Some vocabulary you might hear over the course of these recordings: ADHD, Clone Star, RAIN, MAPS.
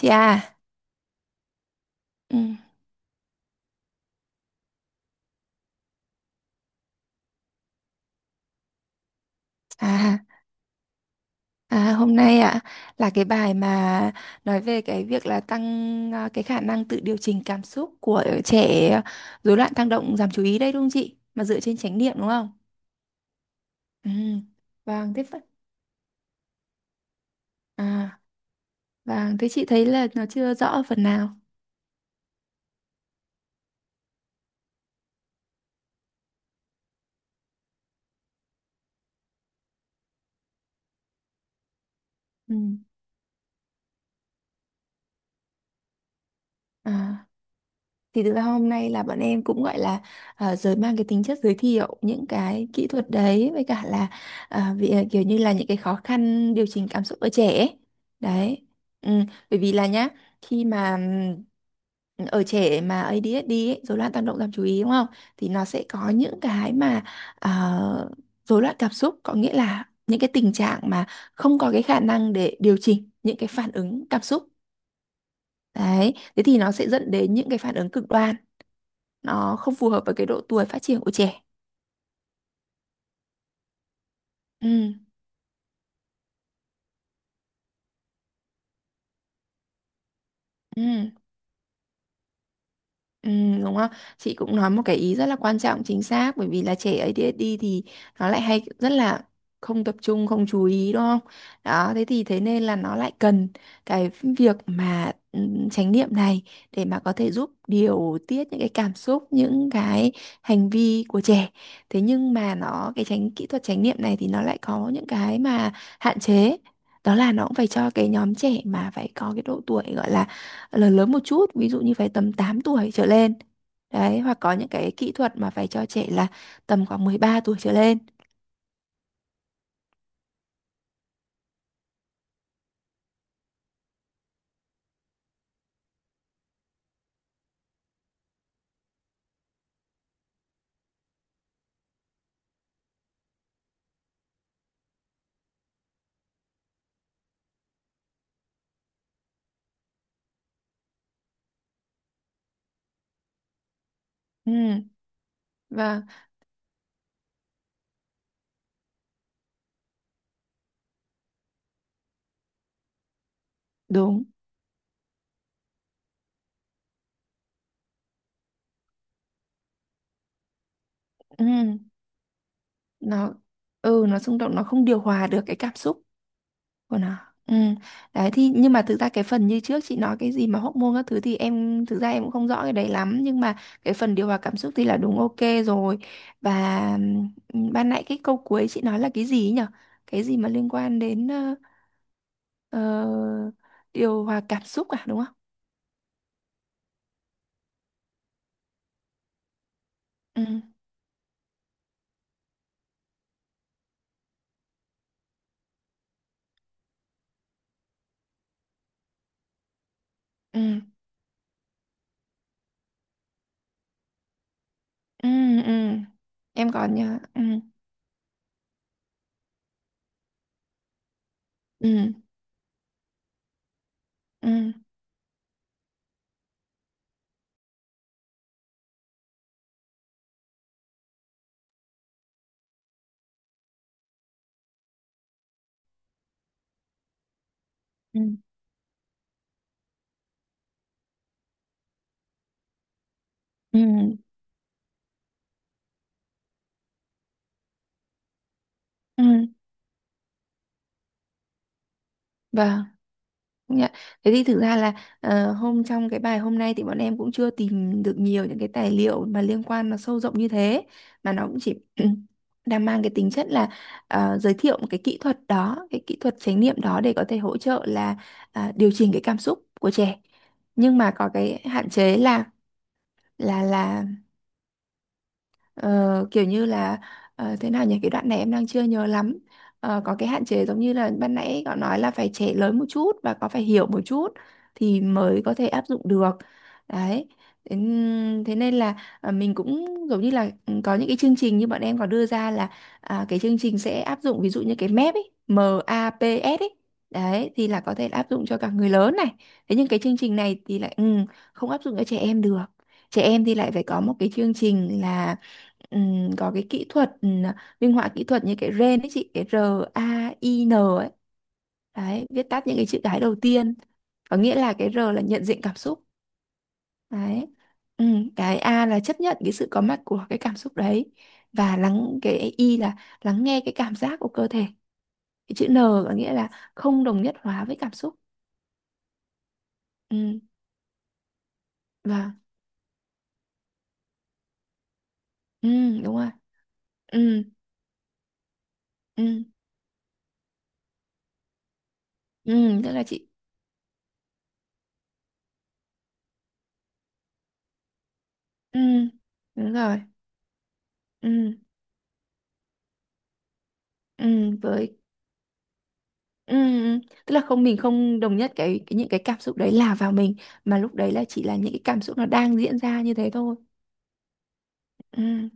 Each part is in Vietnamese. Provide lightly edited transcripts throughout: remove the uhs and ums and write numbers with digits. Chị à. Ừ. à, à, hôm nay ạ là cái bài mà nói về cái việc là tăng, cái khả năng tự điều chỉnh cảm xúc của trẻ rối loạn tăng động giảm chú ý đấy, đúng không chị? Mà dựa trên chánh niệm, đúng không? Ừ. Vâng, thế phần, à, vâng, thế chị thấy là nó chưa rõ phần nào. Ừ. À. Thì thực ra hôm nay là bọn em cũng gọi là, giới mang cái tính chất giới thiệu những cái kỹ thuật đấy, với cả là, vì, kiểu như là những cái khó khăn điều chỉnh cảm xúc ở trẻ ấy. Đấy. Ừ, bởi vì là nhá, khi mà, ở trẻ mà ADHD ấy, rối loạn tăng động giảm chú ý đúng không? Thì nó sẽ có những cái mà, ờ, rối loạn cảm xúc, có nghĩa là những cái tình trạng mà không có cái khả năng để điều chỉnh những cái phản ứng cảm xúc. Đấy, thế thì nó sẽ dẫn đến những cái phản ứng cực đoan, nó không phù hợp với cái độ tuổi phát triển của trẻ. Ừ, ừ. Ừ, đúng không? Chị cũng nói một cái ý rất là quan trọng, chính xác, bởi vì là trẻ ADHD thì nó lại hay rất là không tập trung, không chú ý đúng không? Đó, thế thì thế nên là nó lại cần cái việc mà, chánh niệm này để mà có thể giúp điều tiết những cái cảm xúc, những cái hành vi của trẻ. Thế nhưng mà nó cái chánh kỹ thuật chánh niệm này thì nó lại có những cái mà hạn chế. Đó là nó cũng phải cho cái nhóm trẻ mà phải có cái độ tuổi gọi là, ờ, lớn lớn một chút, ví dụ như phải tầm 8 tuổi trở lên đấy, hoặc có những cái kỹ thuật mà phải cho trẻ là tầm khoảng 13 tuổi trở lên. Ừ, và đúng. Ừ, nó, ừ nó xung động, nó không điều hòa được cái cảm xúc của nó. Ừ, đấy, thì nhưng mà thực ra cái phần như trước chị nói cái gì mà hormone các thứ thì em thực ra em cũng không rõ cái đấy lắm, nhưng mà cái phần điều hòa cảm xúc thì là đúng, ok rồi. Và, ừ, ban nãy cái câu cuối chị nói là cái gì ấy nhở, cái gì mà liên quan đến, Ờ, điều hòa cảm xúc à đúng không? Ừ, ừ, ừ, ừ. Em còn nhớ. Ừ, ừ, ừ, ừ, ừ, ừ. Vâng. Dạ. Thế thì thực ra là, hôm trong cái bài hôm nay thì bọn em cũng chưa tìm được nhiều những cái tài liệu mà liên quan nó sâu rộng như thế, mà nó cũng chỉ đang mang cái tính chất là, giới thiệu một cái kỹ thuật đó, cái kỹ thuật chánh niệm đó để có thể hỗ trợ là, điều chỉnh cái cảm xúc của trẻ. Nhưng mà có cái hạn chế là, là, ờ, kiểu như là, thế nào nhỉ, cái đoạn này em đang chưa nhớ lắm. Ờ, có cái hạn chế giống như là ban nãy cậu nói là phải trẻ lớn một chút và có phải hiểu một chút thì mới có thể áp dụng được. Đấy, thế, thế nên là, mình cũng giống như là, có những cái chương trình như bọn em có đưa ra là, cái chương trình sẽ áp dụng ví dụ như cái mép ấy, MAPS ấy. Đấy thì là có thể áp dụng cho cả người lớn này. Thế nhưng cái chương trình này thì lại, không áp dụng cho trẻ em được. Trẻ em thì lại phải có một cái chương trình là, có cái kỹ thuật, minh họa kỹ thuật như cái RAIN ấy chị, cái RAIN ấy. Đấy, viết tắt những cái chữ cái đầu tiên, có nghĩa là cái R là nhận diện cảm xúc. Đấy. Cái A là chấp nhận cái sự có mặt của cái cảm xúc đấy. Và lắng, cái I là lắng nghe cái cảm giác của cơ thể. Cái chữ N có nghĩa là không đồng nhất hóa với cảm xúc. Ừm, và, đúng rồi. Ừm, ừm, tức là chị. Ừm, đúng rồi. Ừm, với. Ừ, ừ. Tức là không, mình không đồng nhất cái những cái cảm xúc đấy là vào mình, mà lúc đấy là chỉ là những cái cảm xúc nó đang diễn ra như thế thôi. Ừ,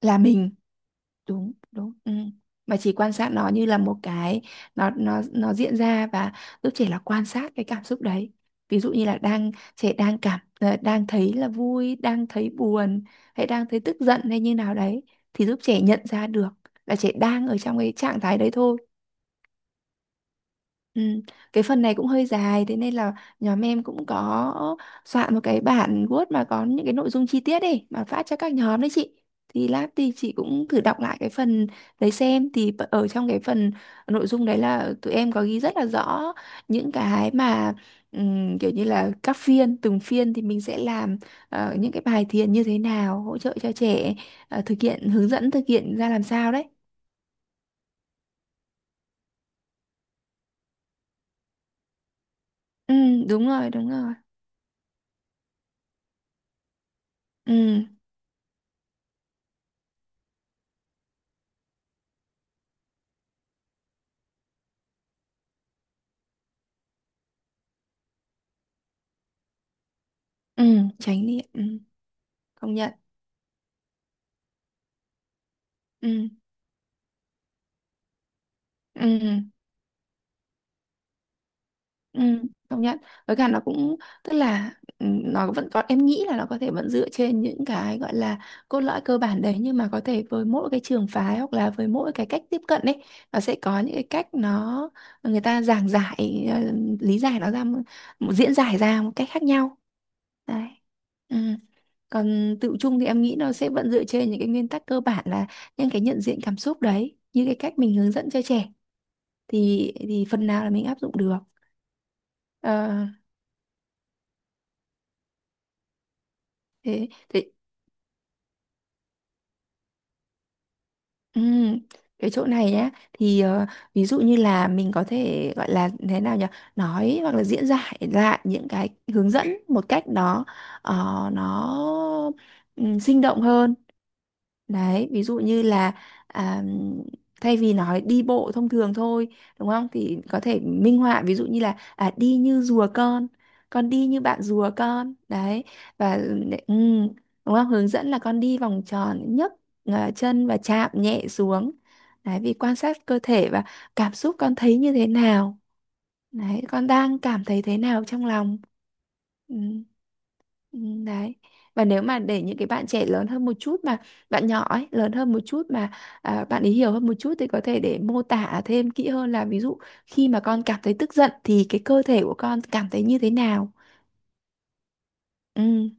là mình, đúng đúng ừ. Mà chỉ quan sát nó như là một cái, nó diễn ra, và giúp trẻ là quan sát cái cảm xúc đấy. Ví dụ như là đang trẻ đang cảm, đang thấy là vui, đang thấy buồn, hay đang thấy tức giận, hay như nào đấy, thì giúp trẻ nhận ra được là trẻ đang ở trong cái trạng thái đấy thôi. Ừ. Cái phần này cũng hơi dài, thế nên là nhóm em cũng có soạn một cái bản Word mà có những cái nội dung chi tiết ấy, mà phát cho các nhóm đấy chị. Thì lát thì chị cũng thử đọc lại cái phần đấy xem, thì ở trong cái phần nội dung đấy là tụi em có ghi rất là rõ những cái mà, kiểu như là các phiên, từng phiên thì mình sẽ làm, những cái bài thiền như thế nào hỗ trợ cho trẻ, thực hiện, hướng dẫn thực hiện ra làm sao đấy. Ừ, đúng rồi, đúng rồi. Ừ, ừ, tránh đi. Ừ. Công nhận. Ừ, ừ, ừ, công nhận. Với cả nó cũng, tức là, nó vẫn có, em nghĩ là nó có thể vẫn dựa trên những cái gọi là cốt lõi cơ bản đấy, nhưng mà có thể với mỗi cái trường phái hoặc là với mỗi cái cách tiếp cận ấy, nó sẽ có những cái cách nó người ta giảng giải, lý giải nó ra một, một diễn giải ra một cách khác nhau. Đấy, ừ. Còn tự chung thì em nghĩ nó sẽ vẫn dựa trên những cái nguyên tắc cơ bản là những cái nhận diện cảm xúc đấy, như cái cách mình hướng dẫn cho trẻ thì, phần nào là mình áp dụng được. Ờ, thế thế. Ừm, cái chỗ này nhá, thì, ví dụ như là mình có thể gọi là thế nào nhỉ, nói hoặc là diễn giải lại những cái hướng dẫn một cách đó, nó, nó, sinh động hơn. Đấy, ví dụ như là, à, thay vì nói đi bộ thông thường thôi, đúng không? Thì có thể minh họa ví dụ như là, đi như rùa con đi như bạn rùa con. Đấy, và, ừ, đúng không? Hướng dẫn là con đi vòng tròn, nhấc, chân và chạm nhẹ xuống. Đấy, vì quan sát cơ thể và cảm xúc con thấy như thế nào. Đấy, con đang cảm thấy thế nào trong lòng? Ừ, ừ, đấy. Và nếu mà để những cái bạn trẻ lớn hơn một chút, mà bạn nhỏ ấy, lớn hơn một chút, mà, bạn ấy hiểu hơn một chút, thì có thể để mô tả thêm kỹ hơn là ví dụ khi mà con cảm thấy tức giận thì cái cơ thể của con cảm thấy như thế nào? Ừ.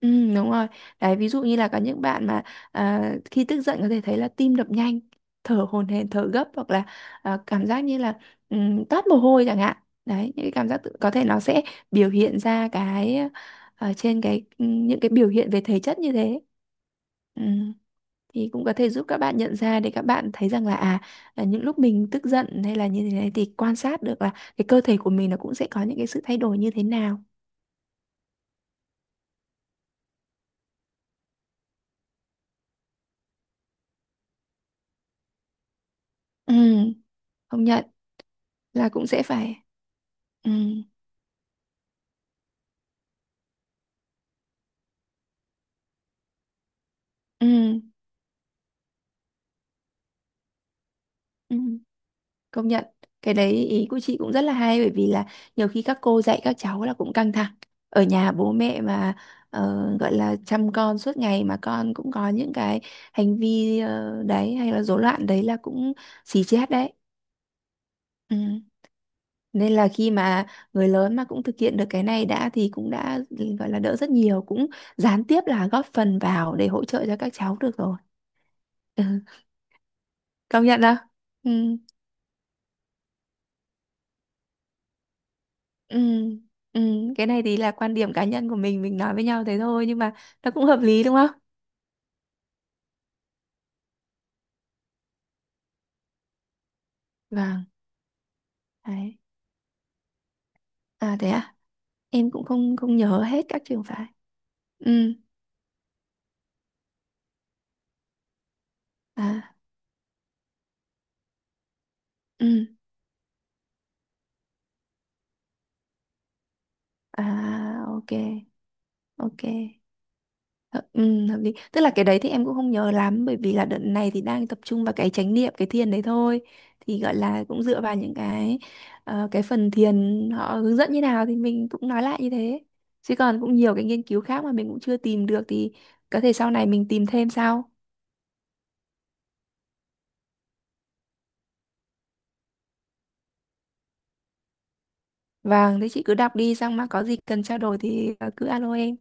Ừ, đúng rồi. Đấy, ví dụ như là có những bạn mà, khi tức giận có thể thấy là tim đập nhanh, thở hổn hển, thở gấp, hoặc là, cảm giác như là, toát mồ hôi chẳng hạn. Đấy, những cái cảm giác tự, có thể nó sẽ biểu hiện ra cái, trên cái, những cái biểu hiện về thể chất như thế. Ừ. Thì cũng có thể giúp các bạn nhận ra để các bạn thấy rằng là, à, là những lúc mình tức giận hay là như thế này thì quan sát được là cái cơ thể của mình nó cũng sẽ có những cái sự thay đổi như thế nào. Ừ, công nhận. Là cũng sẽ phải, ừ, ừ, ừ, công nhận. Cái đấy ý của chị cũng rất là hay, bởi vì là nhiều khi các cô dạy các cháu là cũng căng thẳng, ở nhà bố mẹ mà, gọi là chăm con suốt ngày mà con cũng có những cái hành vi, đấy hay là rối loạn đấy, là cũng xì chết đấy. Ừ. Nên là khi mà người lớn mà cũng thực hiện được cái này đã thì cũng đã gọi là đỡ rất nhiều, cũng gián tiếp là góp phần vào để hỗ trợ cho các cháu được rồi. Ừ, công nhận không? Ừ, ừ, ừ. Cái này thì là quan điểm cá nhân của mình nói với nhau thế thôi, nhưng mà nó cũng hợp lý đúng không? Vâng, đấy. À thế à? Em cũng không, không nhớ hết các trường phái. Ừ, à, ừ, à, ok, ok. Ừ, hợp lý. Tức là cái đấy thì em cũng không nhớ lắm, bởi vì là đợt này thì đang tập trung vào cái chánh niệm, cái thiền đấy thôi. Thì gọi là cũng dựa vào những cái, cái phần thiền họ hướng dẫn như nào thì mình cũng nói lại như thế. Chứ còn cũng nhiều cái nghiên cứu khác mà mình cũng chưa tìm được, thì có thể sau này mình tìm thêm sau. Vâng, thế chị cứ đọc đi, xong mà có gì cần trao đổi thì, cứ alo em.